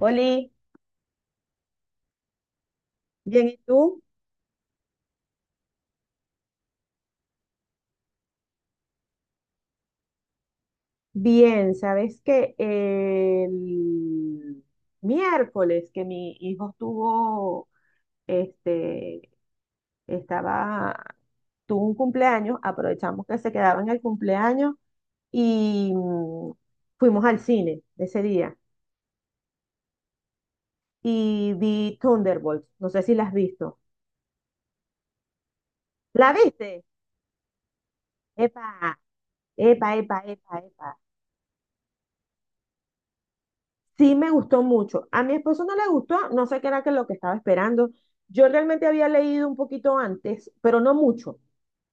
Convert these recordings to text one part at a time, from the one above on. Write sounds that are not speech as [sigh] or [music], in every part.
Oli, bien, ¿y tú? Bien, sabes que el miércoles que mi hijo este, estaba, tuvo un cumpleaños, aprovechamos que se quedaba en el cumpleaños y fuimos al cine ese día y vi Thunderbolts, no sé si la has visto. ¿La viste? Epa, epa, epa, epa, epa. Sí me gustó mucho. A mi esposo no le gustó, no sé qué era que lo que estaba esperando. Yo realmente había leído un poquito antes, pero no mucho,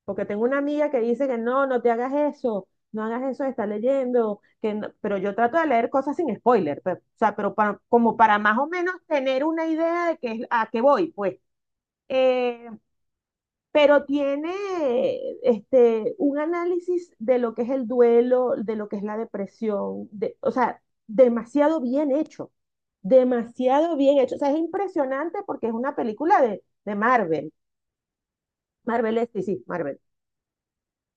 porque tengo una amiga que dice que no, no te hagas eso, no hagas eso de estar leyendo, que no- pero yo trato de leer cosas sin spoiler, o sea, pero como para más o menos tener una idea de qué es, a qué voy, pues. Eh, pero tiene un análisis de lo que es el duelo, de lo que es la depresión, o sea, demasiado bien hecho, demasiado bien hecho. O sea, es impresionante porque es una película de, Marvel es, sí, sí, Marvel.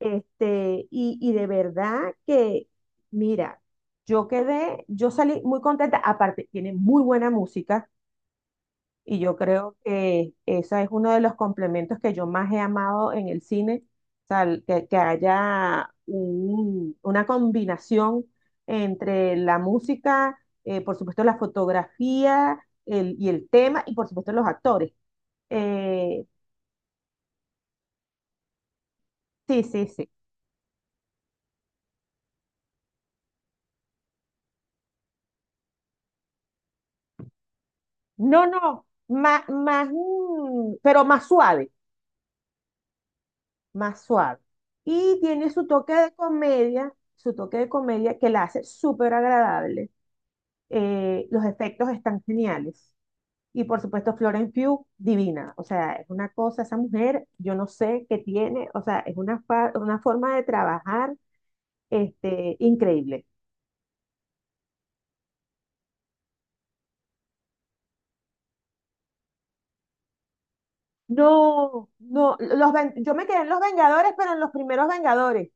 Y de verdad que, mira, yo salí muy contenta, aparte tiene muy buena música. Y yo creo que esa es uno de los complementos que yo más he amado en el cine, o sea, que haya una combinación entre la música, por supuesto la fotografía y el tema, y por supuesto los actores. Eh, sí, sí, sí. No, no, más, más, pero más suave. Más suave. Y tiene su toque de comedia, su toque de comedia que la hace súper agradable. Los efectos están geniales. Y por supuesto, Florence Pugh, divina. O sea, es una cosa, esa mujer, yo no sé qué tiene, o sea, es una, una forma de trabajar, increíble. No, no, yo me quedé en los Vengadores, pero en los primeros Vengadores.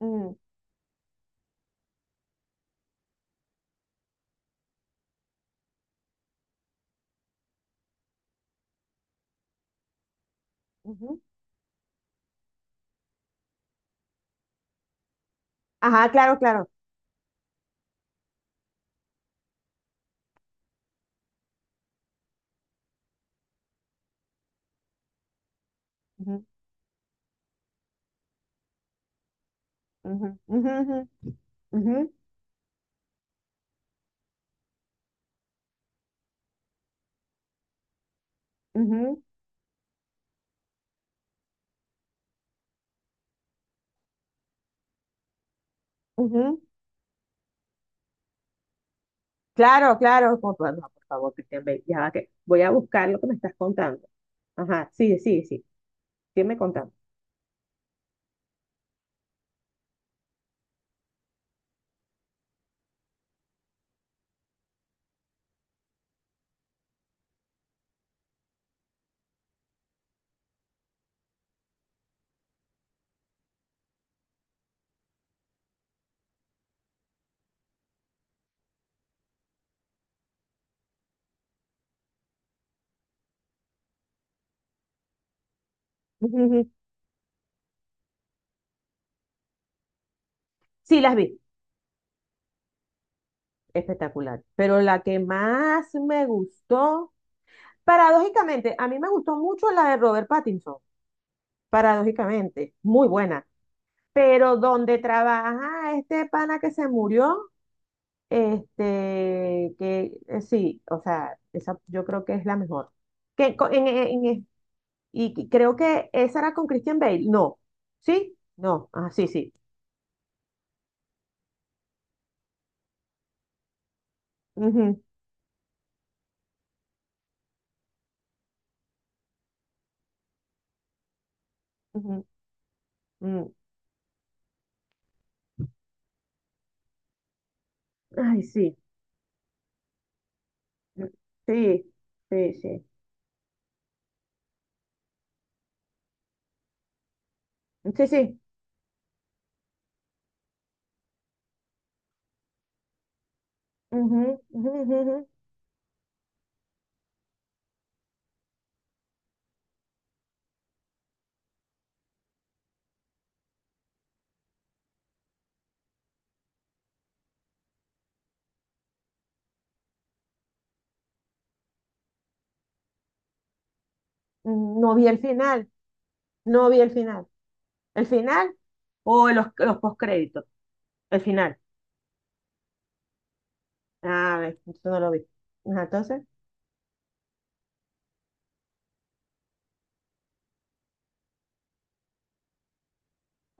Mm, ujú. Ajá, claro, claro. Ujú, ujú, ujú, ujú, ujú, ujú, ujú. Claro, claro, no, por favor, Cristian, Bale, ya va que voy a buscar lo que me estás contando. Ajá, sí, sí, sí, sígueme contando. Ujú, ujú. Sí, las vi, espectacular. Pero la que más me gustó, paradójicamente, a mí me gustó mucho la de Robert Pattinson, paradójicamente, muy buena. Pero donde trabaja este pana que se murió, que sí, o sea, esa yo creo que es la mejor. Que co- en Y que- Creo que esa era con Christian Bale. No. ¿Sí? No. Ah, sí, sí. Ujú, ujú, mm. Ay, sí. Mm. Sí, sí, sí. Sí, sí. Ujú, ujú, ujú, ujú. Mm. No vi el final. No vi el final. ¿El final? O los postcréditos. El final. Ah, ver, eso no lo vi. Ajá, entonces.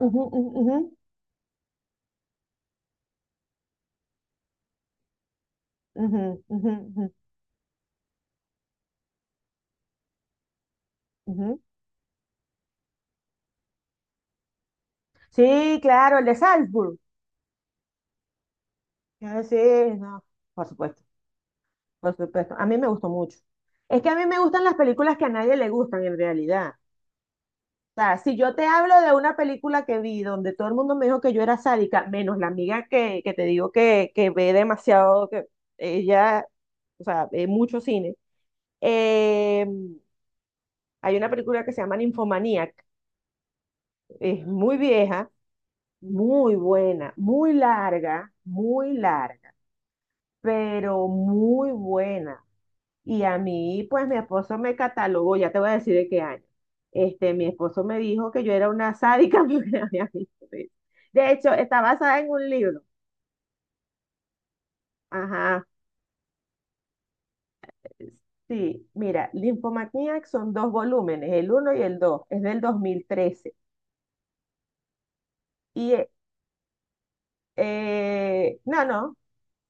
Ujú, ujú, ujú, ujú, ujú, ujú, ujú. Sí, claro, el de Salzburg. Ah, sí, no, por supuesto. Por supuesto, a mí me gustó mucho. Es que a mí me gustan las películas que a nadie le gustan en realidad. O sea, si yo te hablo de una película que vi donde todo el mundo me dijo que yo era sádica, menos la amiga que te digo que ve demasiado, que ella, o sea, ve mucho cine. Eh, Hay una película que se llama Ninfomaniac, es muy vieja, muy buena, muy larga, pero muy buena. Y a mí, pues mi esposo me catalogó, ya te voy a decir de qué año. Mi esposo me dijo que yo era una sádica [laughs] porque había visto eso. De hecho, está basada en un libro. Ajá. Sí, mira, Nymphomaniac son dos volúmenes, el uno y el dos. Es del 2013. Y, no, no,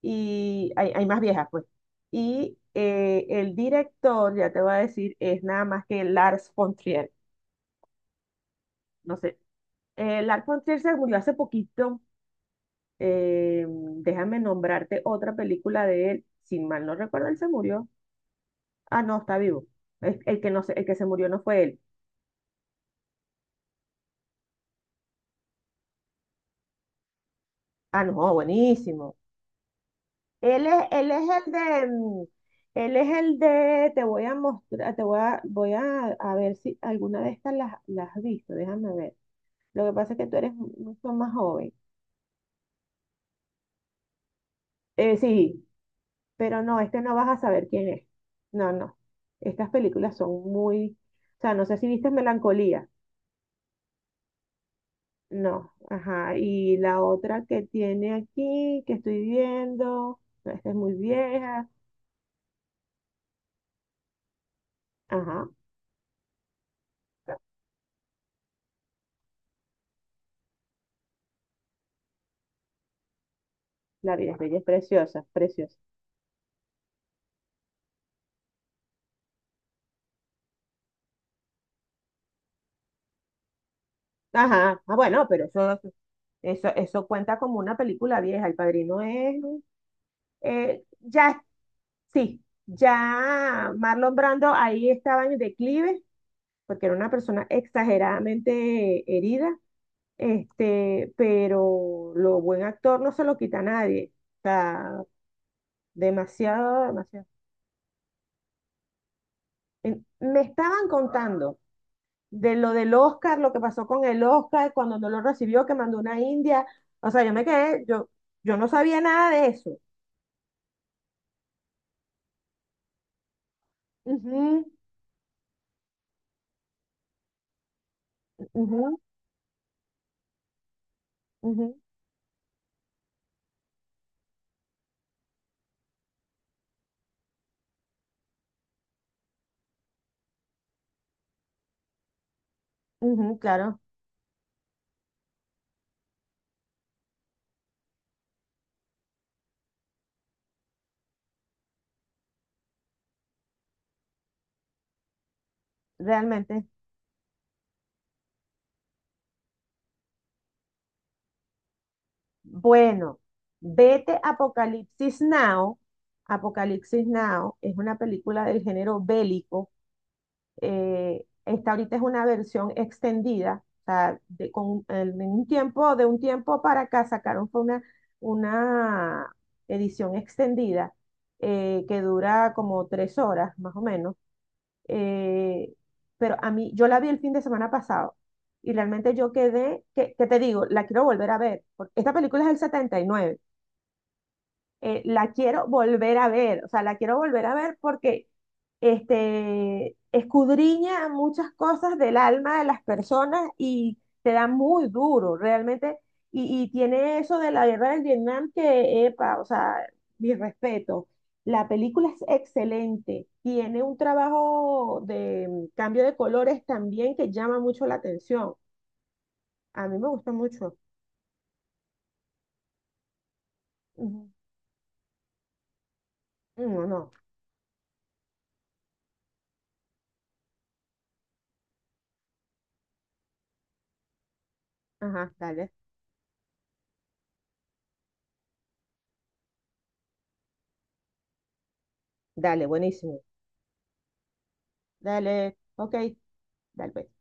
y hay más viejas, pues. Y el director, ya te voy a decir, es nada más que Lars von Trier. No sé, Lars von Trier se murió hace poquito. Déjame nombrarte otra película de él. Sin mal no recuerdo, él se murió. Ah, no, está vivo. El que no se, el que se murió no fue él. Ah, no, buenísimo. Él es, él es el de, mm, él es el de, te voy a, mostrar, te voy a, voy a ver si alguna de estas las has visto. Déjame ver. Lo que pasa es que tú eres mucho más joven. Sí, pero no, no vas a saber quién es. No, no. Estas películas son muy, o sea, no sé si viste Melancolía. No, ajá. Y la otra que tiene aquí, que estoy viendo, no, esta es muy vieja. Ajá. La vida es bella, es preciosa, preciosa. Ajá. Ah, bueno, pero eso, eso cuenta como una película vieja. El Padrino es, ya, sí, ya Marlon Brando ahí estaba en declive, porque era una persona exageradamente herida, pero lo buen actor no se lo quita a nadie. O sea, demasiado, demasiado. Me estaban contando de lo del Oscar, lo que pasó con el Oscar, cuando no lo recibió, que mandó una india. O sea, yo me quedé, yo no sabía nada de eso. Ujú, ujú, ujú, ujú, claro, realmente. Bueno, vete Apocalipsis Now. Apocalipsis Now es una película del género bélico. Esta ahorita es una versión extendida, o sea, de, con, en un tiempo, de un tiempo para acá sacaron fue una edición extendida, que dura como 3 horas más o menos. Eh, pero a mí, yo la vi el fin de semana pasado y realmente yo quedé, que te digo, la quiero volver a ver, porque esta película es del 79. La quiero volver a ver, o sea, la quiero volver a ver porque, escudriña muchas cosas del alma de las personas y te da muy duro, realmente, y tiene eso de la guerra del Vietnam que, epa, o sea, mi respeto. La película es excelente, tiene un trabajo de cambio de colores también que llama mucho la atención. A mí me gusta mucho. Ujú. No, no. Ajá, dale. Dale, buenísimo. Dale, ok, dale, pues.